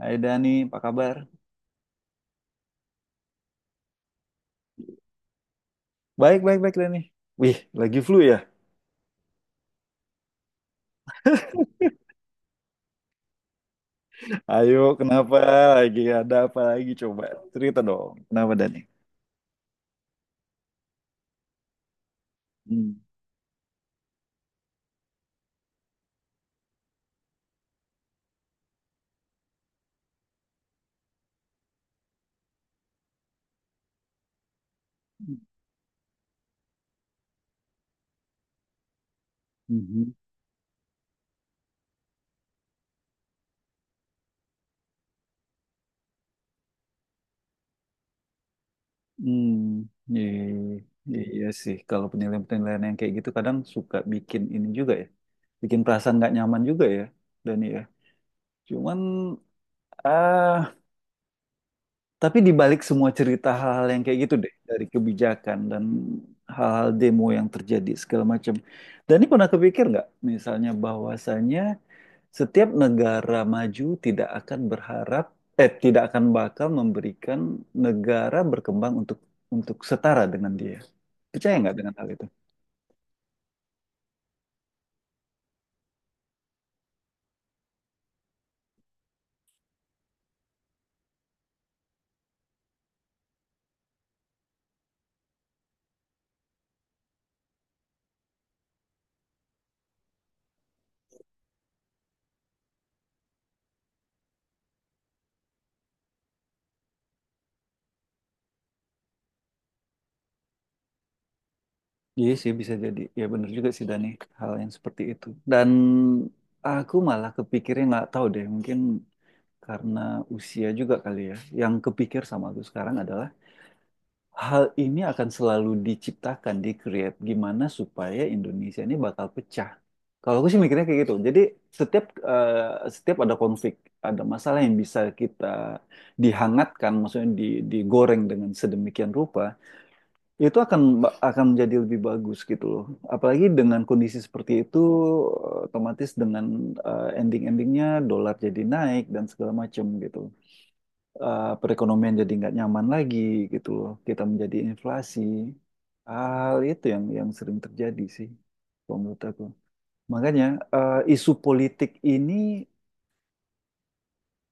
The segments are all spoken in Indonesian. Hai Dani, apa kabar? Baik, baik, baik Dani. Wih, lagi flu ya? Ayo, kenapa lagi? Ada apa lagi? Coba cerita dong. Kenapa Dani? Hmm. Mhm. Hmm. Iya, iya, iya sih. Kalau penilaian-penilaian yang kayak gitu kadang suka bikin ini juga ya. Bikin perasaan nggak nyaman juga ya, Dani ya. Cuman, ah, Tapi di balik semua cerita hal-hal yang kayak gitu deh, dari kebijakan dan hal-hal demo yang terjadi segala macam. Dan ini pernah kepikir nggak, misalnya bahwasannya setiap negara maju tidak akan berharap, tidak akan bakal memberikan negara berkembang untuk setara dengan dia. Percaya nggak dengan hal itu? Iya sih bisa jadi. Ya benar juga sih Dani, hal yang seperti itu. Dan aku malah kepikirnya nggak tahu deh, mungkin karena usia juga kali ya. Yang kepikir sama aku sekarang adalah hal ini akan selalu diciptakan, di create gimana supaya Indonesia ini bakal pecah. Kalau aku sih mikirnya kayak gitu. Jadi setiap setiap ada konflik, ada masalah yang bisa kita dihangatkan, maksudnya digoreng dengan sedemikian rupa, itu akan menjadi lebih bagus gitu loh. Apalagi dengan kondisi seperti itu, otomatis dengan ending-endingnya dolar jadi naik dan segala macam gitu perekonomian jadi nggak nyaman lagi gitu loh. Kita menjadi inflasi. Hal itu yang sering terjadi sih, kalau menurut aku. Makanya isu politik ini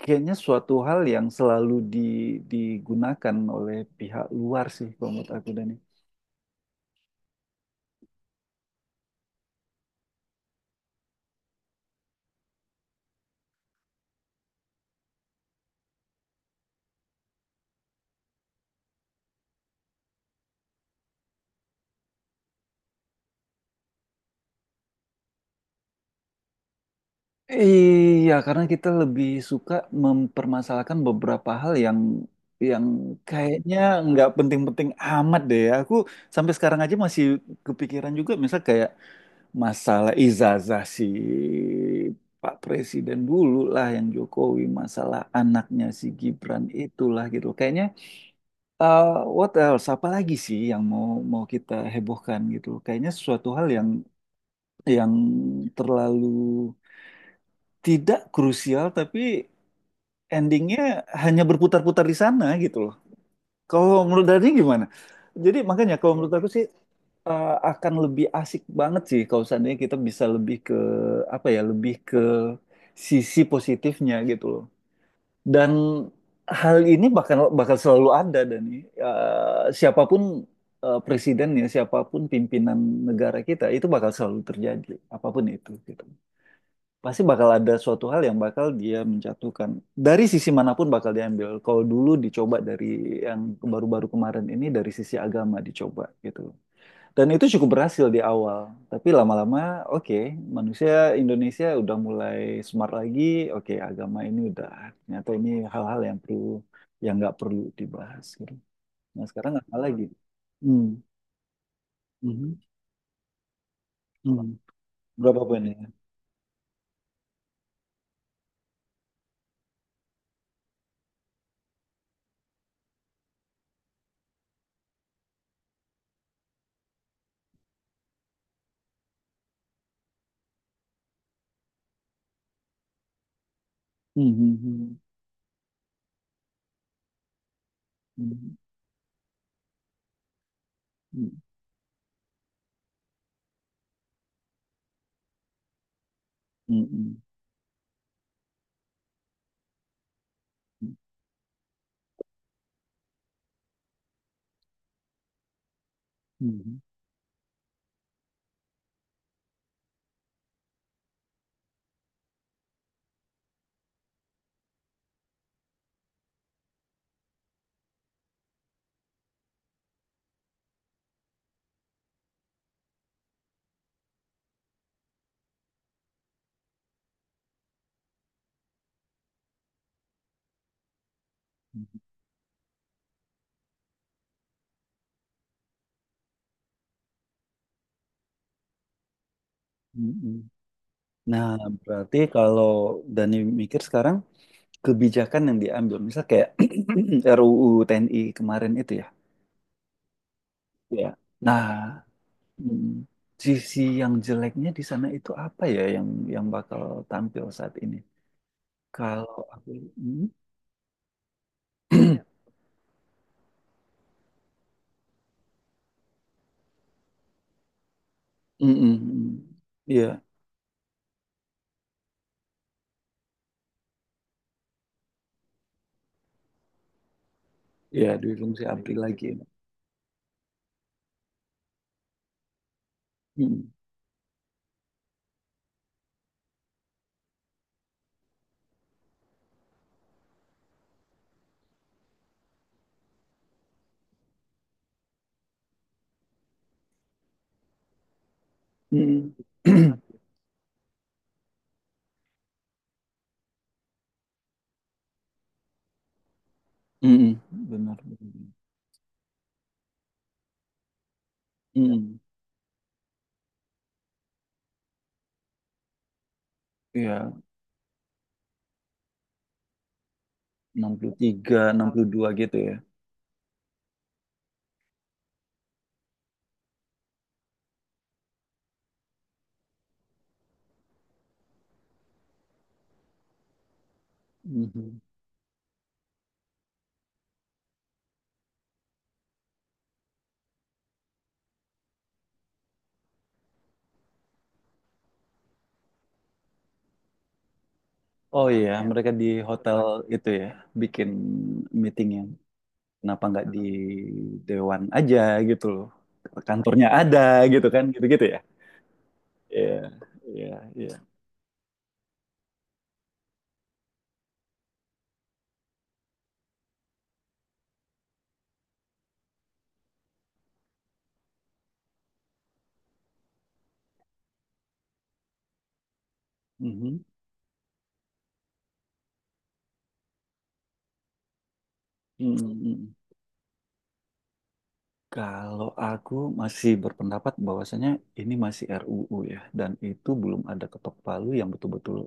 kayaknya suatu hal yang selalu digunakan oleh pihak luar sih, kalau menurut aku Dani. Iya, karena kita lebih suka mempermasalahkan beberapa hal yang kayaknya nggak penting-penting amat deh. Aku sampai sekarang aja masih kepikiran juga, misal kayak masalah ijazah si Pak Presiden dulu lah yang Jokowi, masalah anaknya si Gibran itulah gitu. Kayaknya eh, what else? Apa lagi sih yang mau mau kita hebohkan gitu? Kayaknya sesuatu hal yang terlalu tidak krusial tapi endingnya hanya berputar-putar di sana gitu loh. Kalau menurut Dani gimana? Jadi makanya kalau menurut aku sih akan lebih asik banget sih kalau seandainya kita bisa lebih ke apa ya lebih ke sisi positifnya gitu loh dan hal ini bakal bakal selalu ada dan siapapun presiden ya siapapun pimpinan negara kita itu bakal selalu terjadi apapun itu gitu pasti bakal ada suatu hal yang bakal dia menjatuhkan dari sisi manapun bakal diambil kalau dulu dicoba dari yang baru-baru kemarin ini dari sisi agama dicoba gitu dan itu cukup berhasil di awal, tapi lama-lama oke, manusia Indonesia udah mulai smart lagi, oke agama ini udah ternyata ini hal-hal yang nggak perlu dibahas gitu. Nah sekarang nggak ada lagi. Hmm. Mhm, hmm. Berapa poin ya? Hmm, hmm, hmm, hmm, hmm, hmm, hmm, hmm, hmm, hmm, hmm. Nah, berarti kalau Dani mikir sekarang kebijakan yang diambil, misal kayak RUU TNI kemarin itu ya. Ya. Nah, hmm. Sisi yang jeleknya di sana itu apa ya yang bakal tampil saat ini? Kalau aku, hmm? Mm, mm, mm. Iya, iya Dwi Fungsi ABRI lagi. Mm, mm. Mm, mm. Benar, benar. Mm, iya, 63, 62 gitu ya. Mhm. Oh iya, mereka di hotel itu ya, bikin meetingnya. Kenapa nggak di Dewan aja gitu loh? Kantornya ada gitu kan, gitu-gitu ya? Iya, iya, iya. Mhm, mhm, mhm. Kalau aku masih berpendapat bahwasanya ini masih RUU ya, dan itu belum ada ketok palu yang betul-betul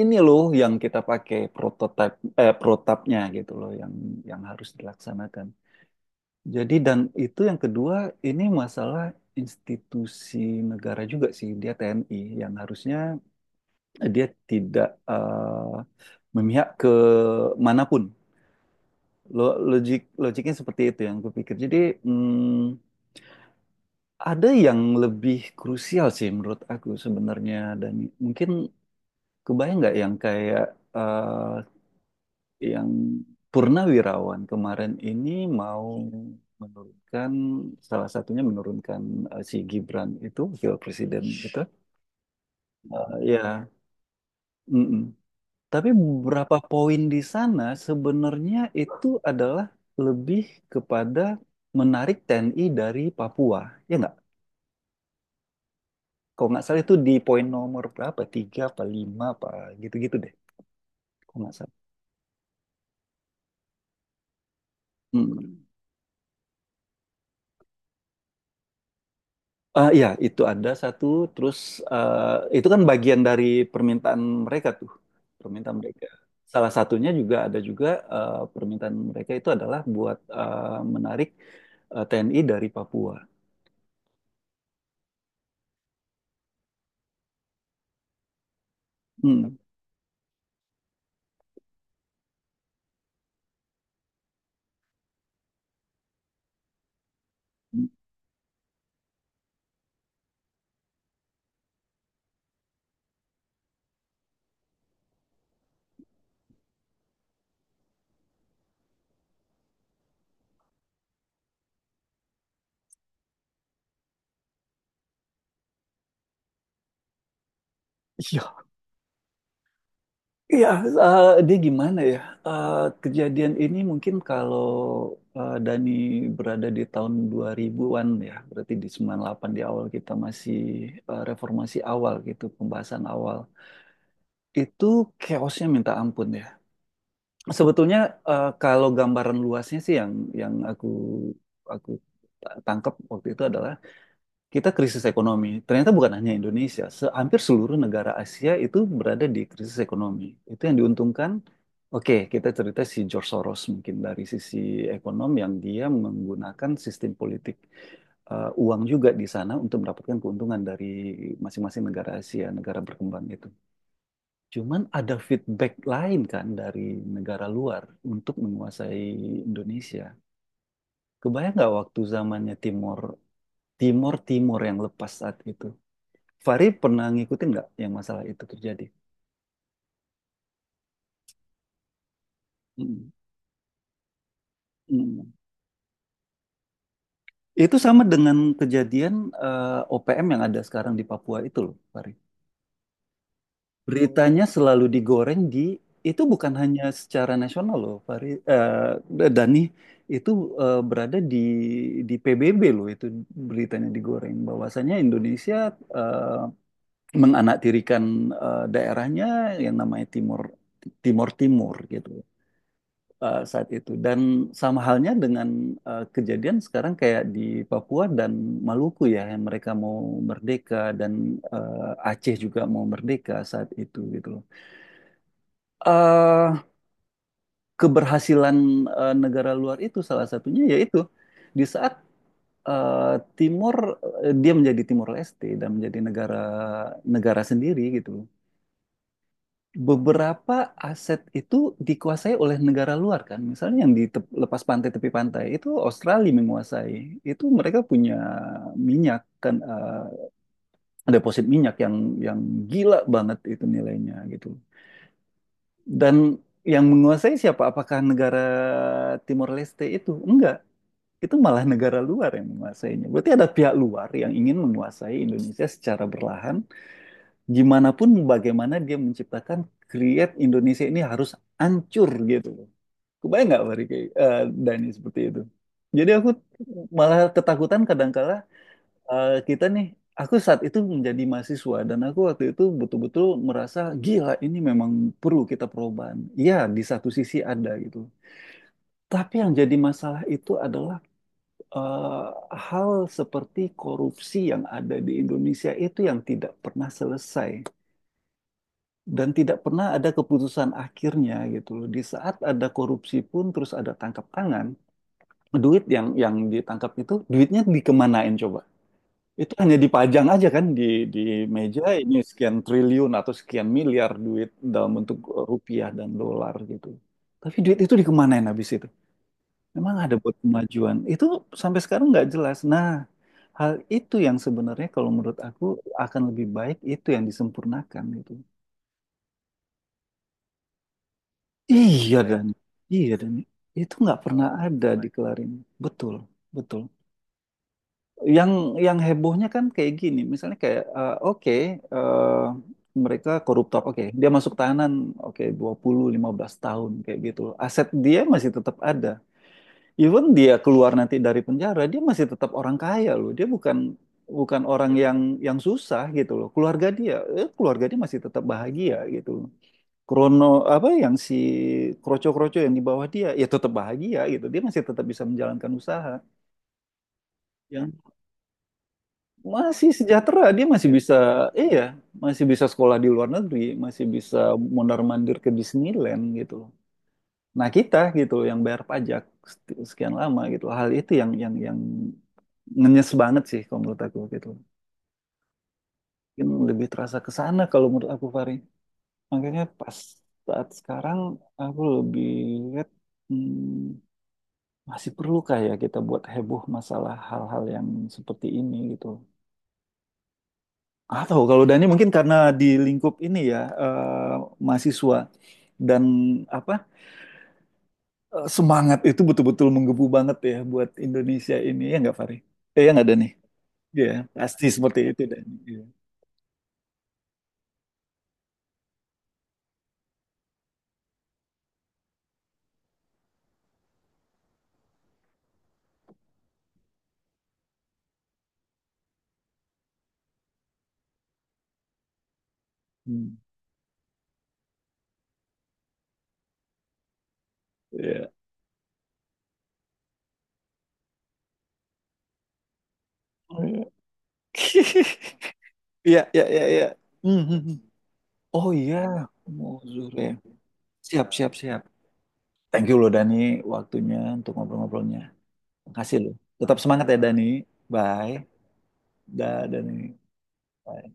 ini loh yang kita pakai prototipe protapnya gitu loh yang harus dilaksanakan. Jadi dan itu yang kedua ini masalah institusi negara juga sih dia TNI yang harusnya dia tidak memihak ke manapun logiknya seperti itu yang gue pikir. Jadi mm, ada yang lebih krusial sih menurut aku sebenarnya dan mungkin kebayang nggak yang kayak eh, yang Purnawirawan kemarin ini mau menurunkan salah satunya menurunkan si Gibran itu wakil presiden gitu. Ya, mm-mm. Tapi beberapa poin di sana sebenarnya itu adalah lebih kepada menarik TNI dari Papua, ya nggak? Kalau nggak salah itu di poin nomor berapa? Tiga apa lima apa gitu-gitu deh, kalau nggak salah. Hmm. Ya itu ada satu. Terus eh, itu kan bagian dari permintaan mereka tuh, permintaan mereka. Salah satunya juga ada juga permintaan mereka itu adalah buat menarik TNI dari Papua. Hmm. Iya, dia gimana ya? Eh, Kejadian ini mungkin kalau Dani berada di tahun 2000-an ya, berarti di sembilan delapan di awal kita masih reformasi awal gitu, pembahasan awal. Itu chaosnya minta ampun ya. Sebetulnya kalau gambaran luasnya sih yang aku tangkap waktu itu adalah kita krisis ekonomi. Ternyata bukan hanya Indonesia, hampir seluruh negara Asia itu berada di krisis ekonomi. Itu yang diuntungkan. Oke, kita cerita si George Soros mungkin dari sisi ekonom yang dia menggunakan sistem politik uang juga di sana untuk mendapatkan keuntungan dari masing-masing negara Asia, negara berkembang itu. Cuman ada feedback lain kan dari negara luar untuk menguasai Indonesia. Kebayang nggak waktu zamannya Timor Timor yang lepas saat itu Fahri pernah ngikutin nggak yang masalah itu terjadi? Mm. Mm. Itu sama dengan kejadian OPM yang ada sekarang di Papua itu loh, Fahri. Beritanya selalu digoreng. Itu bukan hanya secara nasional loh, Fahri. Dani itu berada di PBB loh itu beritanya digoreng. Bahwasanya Indonesia eh, menganaktirikan daerahnya yang namanya Timur Timur Timur gitu. Saat itu. Dan sama halnya dengan kejadian sekarang kayak di Papua dan Maluku ya, yang mereka mau merdeka dan Aceh juga mau merdeka saat itu gitu loh. Eh, Keberhasilan negara luar itu salah satunya yaitu di saat eh, Timur dia menjadi Timor Leste dan menjadi negara negara sendiri gitu. Beberapa aset itu dikuasai oleh negara luar kan. Misalnya yang di lepas pantai tepi pantai itu Australia menguasai. Itu mereka punya minyak kan deposit minyak yang gila banget itu nilainya gitu. Dan yang menguasai siapa? Apakah negara Timor Leste itu? Enggak. Itu malah negara luar yang menguasainya. Berarti ada pihak luar yang ingin menguasai Indonesia secara berlahan gimana pun bagaimana dia menciptakan create Indonesia ini harus hancur gitu loh. Kebayang nggak Fahri kayak Dani seperti itu? Jadi aku malah ketakutan kadangkala kita nih. Aku saat itu menjadi mahasiswa dan aku waktu itu betul-betul merasa gila ini memang perlu kita perubahan. Iya, di satu sisi ada gitu. Tapi yang jadi masalah itu adalah eh, hal seperti korupsi yang ada di Indonesia itu yang tidak pernah selesai. Dan tidak pernah ada keputusan akhirnya gitu loh. Di saat ada korupsi pun terus ada tangkap tangan, duit yang ditangkap itu duitnya dikemanain coba? Itu hanya dipajang aja kan di meja ini sekian triliun atau sekian miliar duit dalam bentuk rupiah dan dolar gitu. Tapi duit itu dikemanain habis itu? Memang ada buat kemajuan. Itu sampai sekarang nggak jelas. Nah, hal itu yang sebenarnya kalau menurut aku akan lebih baik itu yang disempurnakan gitu. Iya, Dani, iya Dani. Itu nggak pernah ada dikelarin. Betul, betul. Yang yang hebohnya kan kayak gini, misalnya kayak oke eh, mereka koruptor, oke dia masuk tahanan, oke dua puluh lima belas tahun kayak gitu. Aset dia masih tetap ada. Even dia keluar nanti dari penjara, dia masih tetap orang kaya loh. Dia bukan bukan orang yang susah gitu loh. Keluarga dia masih tetap bahagia gitu. Krono apa yang si kroco-kroco yang di bawah dia ya tetap bahagia gitu dia masih tetap bisa menjalankan usaha yang masih sejahtera dia iya masih bisa sekolah di luar negeri masih bisa mondar-mandir ke Disneyland gitu loh nah kita gitu loh yang bayar pajak sekian lama gitu hal itu yang yang ngenyes banget sih kalau menurut aku gitu mungkin lebih terasa ke sana kalau menurut aku Fari makanya pas saat sekarang aku lebih lihat hmm, masih perlukah ya kita buat heboh masalah hal-hal yang seperti ini gitu? Atau kalau Dani mungkin karena di lingkup ini ya mahasiswa dan apa semangat itu betul-betul menggebu banget ya buat Indonesia ini ya nggak Fari? Ya nggak Dani? Iya pasti seperti itu Dani. Iya. Hmm. Iya. Iya iya iya. Iya. Hmm, hmm, hmm. Oh iya, mau zuhur ya. Siap siap siap. Thank you loh Dani waktunya untuk ngobrol-ngobrolnya. Makasih lu. Tetap semangat ya Dani. Bye. Da Dani. Bye.